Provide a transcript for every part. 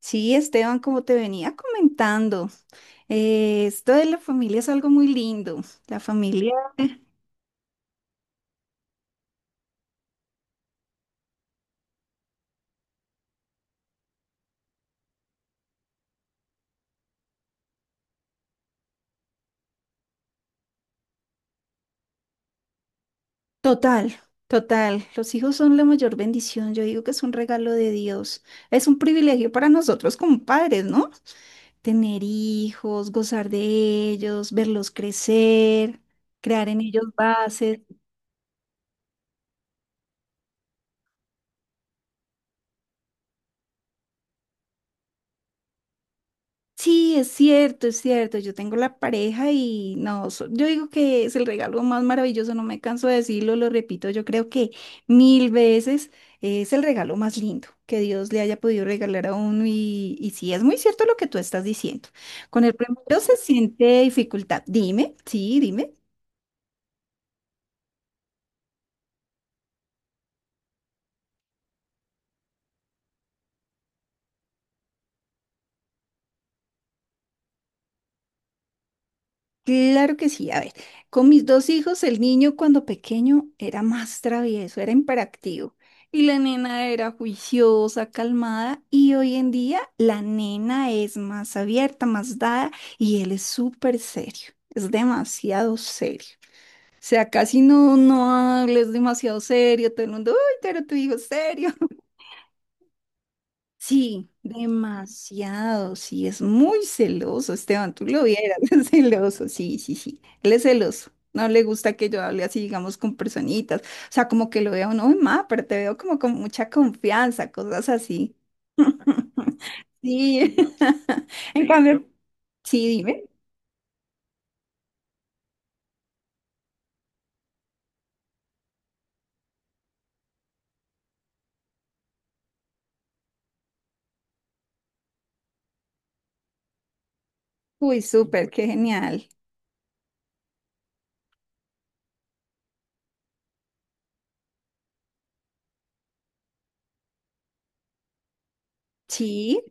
Sí, Esteban, como te venía comentando, esto de la familia es algo muy lindo. La familia, total, total. Los hijos son la mayor bendición. Yo digo que es un regalo de Dios. Es un privilegio para nosotros como padres, ¿no? Tener hijos, gozar de ellos, verlos crecer, crear en ellos bases. Sí, es cierto, es cierto. Yo tengo la pareja y no, yo digo que es el regalo más maravilloso, no me canso de decirlo, lo repito, yo creo que mil veces es el regalo más lindo que Dios le haya podido regalar a uno y sí, es muy cierto lo que tú estás diciendo. Con el primero se siente dificultad. Dime, sí, dime. Claro que sí. A ver, con mis dos hijos, el niño cuando pequeño era más travieso, era imperactivo. Y la nena era juiciosa, calmada. Y hoy en día la nena es más abierta, más dada. Y él es súper serio. Es demasiado serio. O sea, casi no hables demasiado serio. Todo el mundo, uy, pero tu hijo es serio. Sí, demasiado, sí, es muy celoso, Esteban, tú lo vieras, es celoso, sí, sí, sí, él es celoso, no le gusta que yo hable así, digamos, con personitas, o sea, como que lo veo, no, ma, pero te veo como con mucha confianza, cosas así, sí, en cambio, sí, dime, uy, súper, qué genial, sí,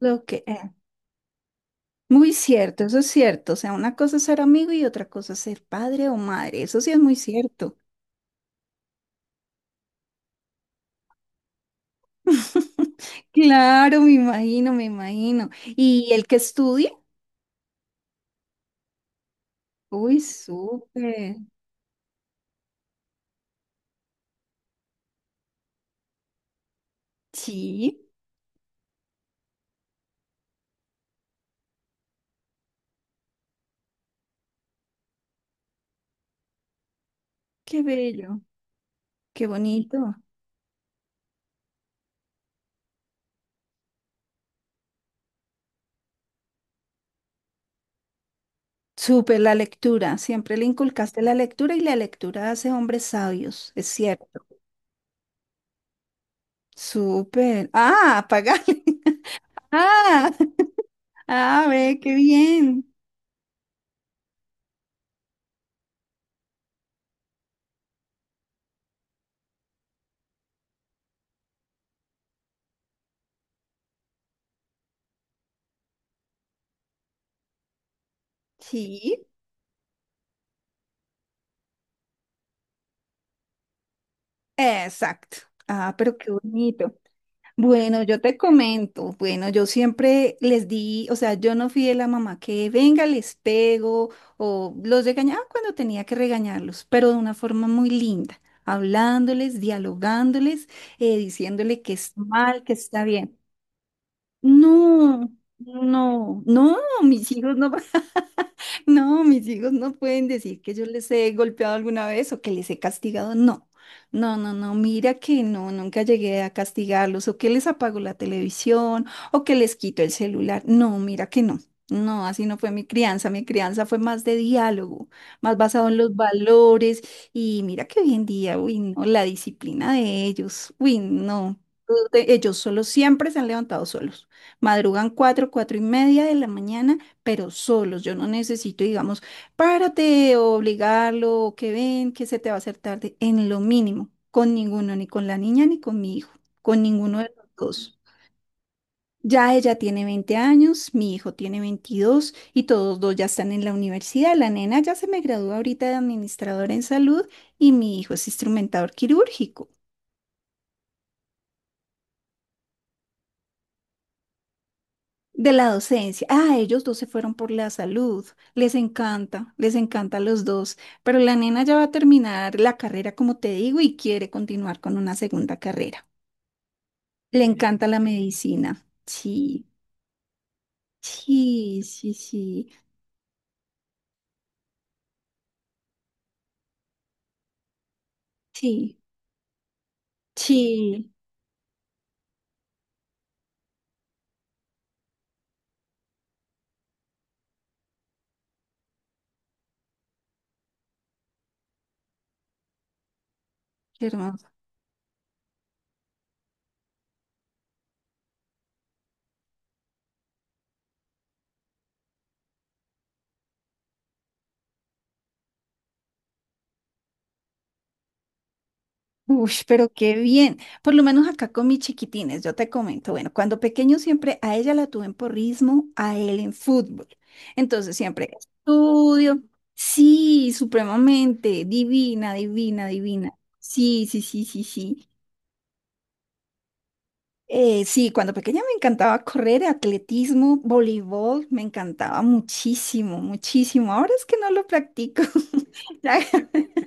lo que, muy cierto, eso es cierto, o sea, una cosa es ser amigo y otra cosa es ser padre o madre, eso sí es muy cierto. Claro, me imagino, me imagino. ¿Y el que estudie? Uy, súper. Sí, qué bello, qué bonito. Súper la lectura. Siempre le inculcaste la lectura y la lectura hace hombres sabios, es cierto. Súper. Ah, apagale. Ah, ah, ve, qué bien. Sí, exacto. Ah, pero qué bonito. Bueno, yo te comento, bueno, yo siempre les di, o sea, yo no fui de la mamá que venga, les pego o los regañaba cuando tenía que regañarlos, pero de una forma muy linda, hablándoles, dialogándoles, diciéndole que es mal, que está bien. No, no, no, mis hijos no, no, mis hijos no pueden decir que yo les he golpeado alguna vez o que les he castigado, no, no, no, no, mira que no, nunca llegué a castigarlos o que les apago la televisión o que les quito el celular, no, mira que no, no, así no fue mi crianza fue más de diálogo, más basado en los valores y mira que hoy en día, uy, no, la disciplina de ellos, uy, no, ellos solos siempre se han levantado solos. Madrugan 4, 4:30 de la mañana, pero solos. Yo no necesito, digamos, párate o obligarlo, o que ven, que se te va a hacer tarde, en lo mínimo, con ninguno, ni con la niña ni con mi hijo, con ninguno de los dos. Ya ella tiene 20 años, mi hijo tiene 22 y todos dos ya están en la universidad. La nena ya se me gradúa ahorita de administradora en salud y mi hijo es instrumentador quirúrgico. De la docencia. Ah, ellos dos se fueron por la salud. Les encanta a los dos. Pero la nena ya va a terminar la carrera, como te digo, y quiere continuar con una segunda carrera. Le encanta la medicina. Sí, sí, sí, sí, sí, sí. Qué hermoso. Uy, pero qué bien. Por lo menos acá con mis chiquitines, yo te comento. Bueno, cuando pequeño siempre a ella la tuve en porrismo, a él en fútbol. Entonces siempre estudio. Sí, supremamente. Divina, divina, divina. Sí, sí, sí, sí, sí. Sí, cuando pequeña me encantaba correr, atletismo, voleibol, me encantaba muchísimo, muchísimo. Ahora es que no lo practico.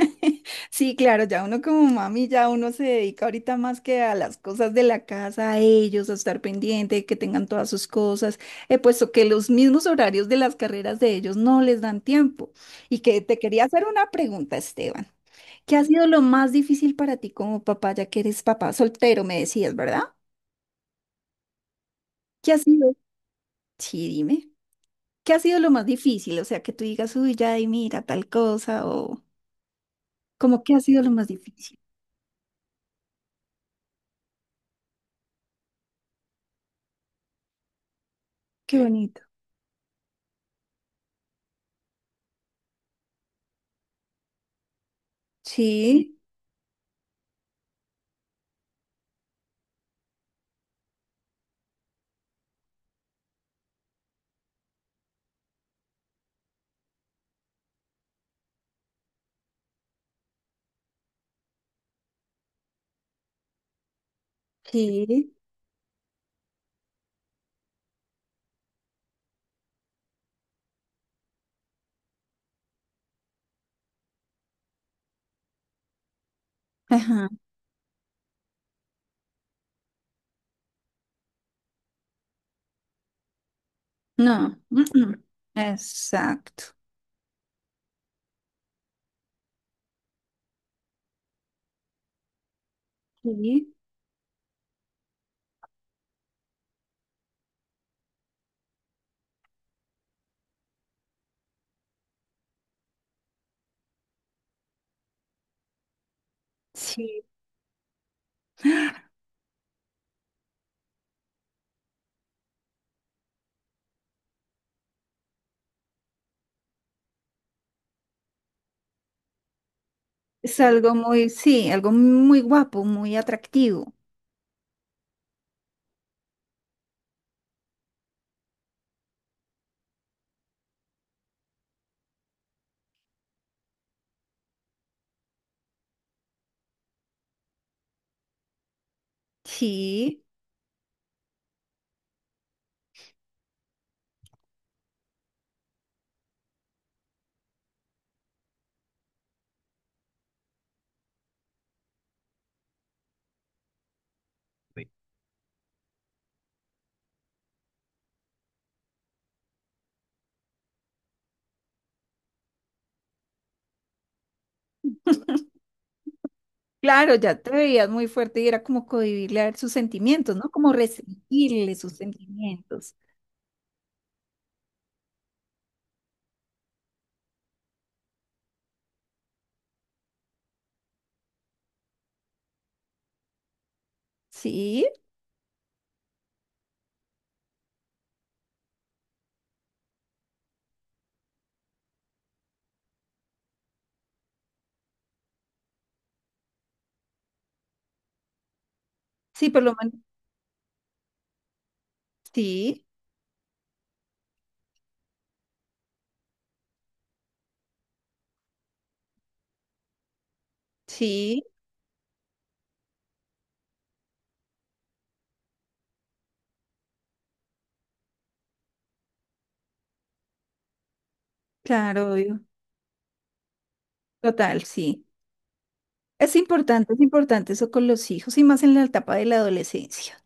Sí, claro, ya uno como mami, ya uno se dedica ahorita más que a las cosas de la casa, a ellos, a estar pendiente, que tengan todas sus cosas, puesto que los mismos horarios de las carreras de ellos no les dan tiempo. Y que te quería hacer una pregunta, Esteban. ¿Qué ha sido lo más difícil para ti como papá, ya que eres papá soltero, me decías, ¿verdad? ¿Qué ha sido? Sí, dime. ¿Qué ha sido lo más difícil? O sea, que tú digas, uy, ya, y mira, tal cosa, o como, ¿qué ha sido lo más difícil? Qué bonito. Sí, sí. Ajá, no, mm, mm, exacto. Sí, sí, es algo muy, sí, algo muy guapo, muy atractivo. Sí, claro, ya te veías muy fuerte y era como cohibirle a él sus sentimientos, ¿no? Como restringirle sus sentimientos. Sí, sí, por lo menos, sí, sí, claro, obvio, total, sí. Es importante eso con los hijos y más en la etapa de la adolescencia.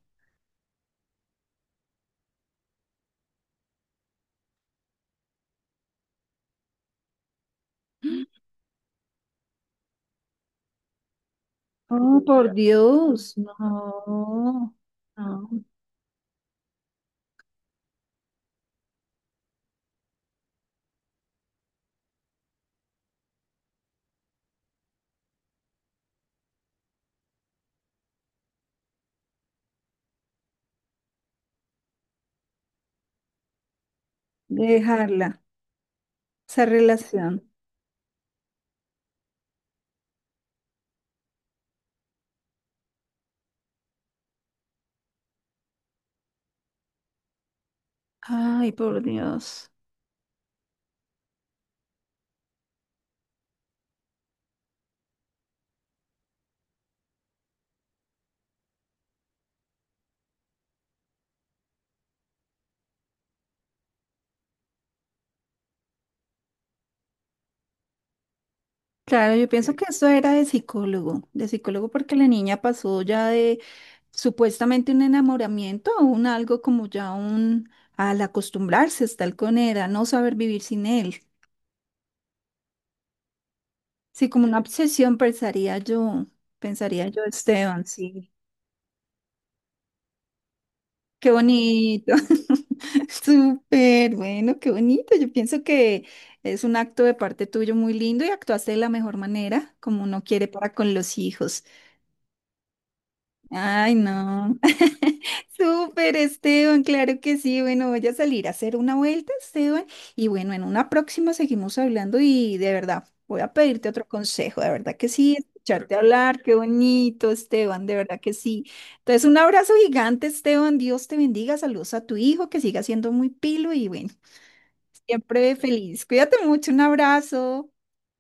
Oh, por Dios, no, no. Dejarla, esa relación. Ay, por Dios. Claro, yo pienso que eso era de psicólogo porque la niña pasó ya de supuestamente un enamoramiento a un algo como ya un, al acostumbrarse a estar con él, a no saber vivir sin él. Sí, como una obsesión pensaría yo, Esteban, sí. Qué bonito, súper bueno, qué bonito. Yo pienso que es un acto de parte tuyo muy lindo y actuaste de la mejor manera, como uno quiere para con los hijos. Ay, no. Súper, Esteban, claro que sí. Bueno, voy a salir a hacer una vuelta, Esteban. Y bueno, en una próxima seguimos hablando y de verdad, voy a pedirte otro consejo. De verdad que sí, escucharte hablar, qué bonito, Esteban, de verdad que sí. Entonces, un abrazo gigante, Esteban. Dios te bendiga. Saludos a tu hijo, que siga siendo muy pilo y bueno, siempre feliz. Cuídate mucho, un abrazo.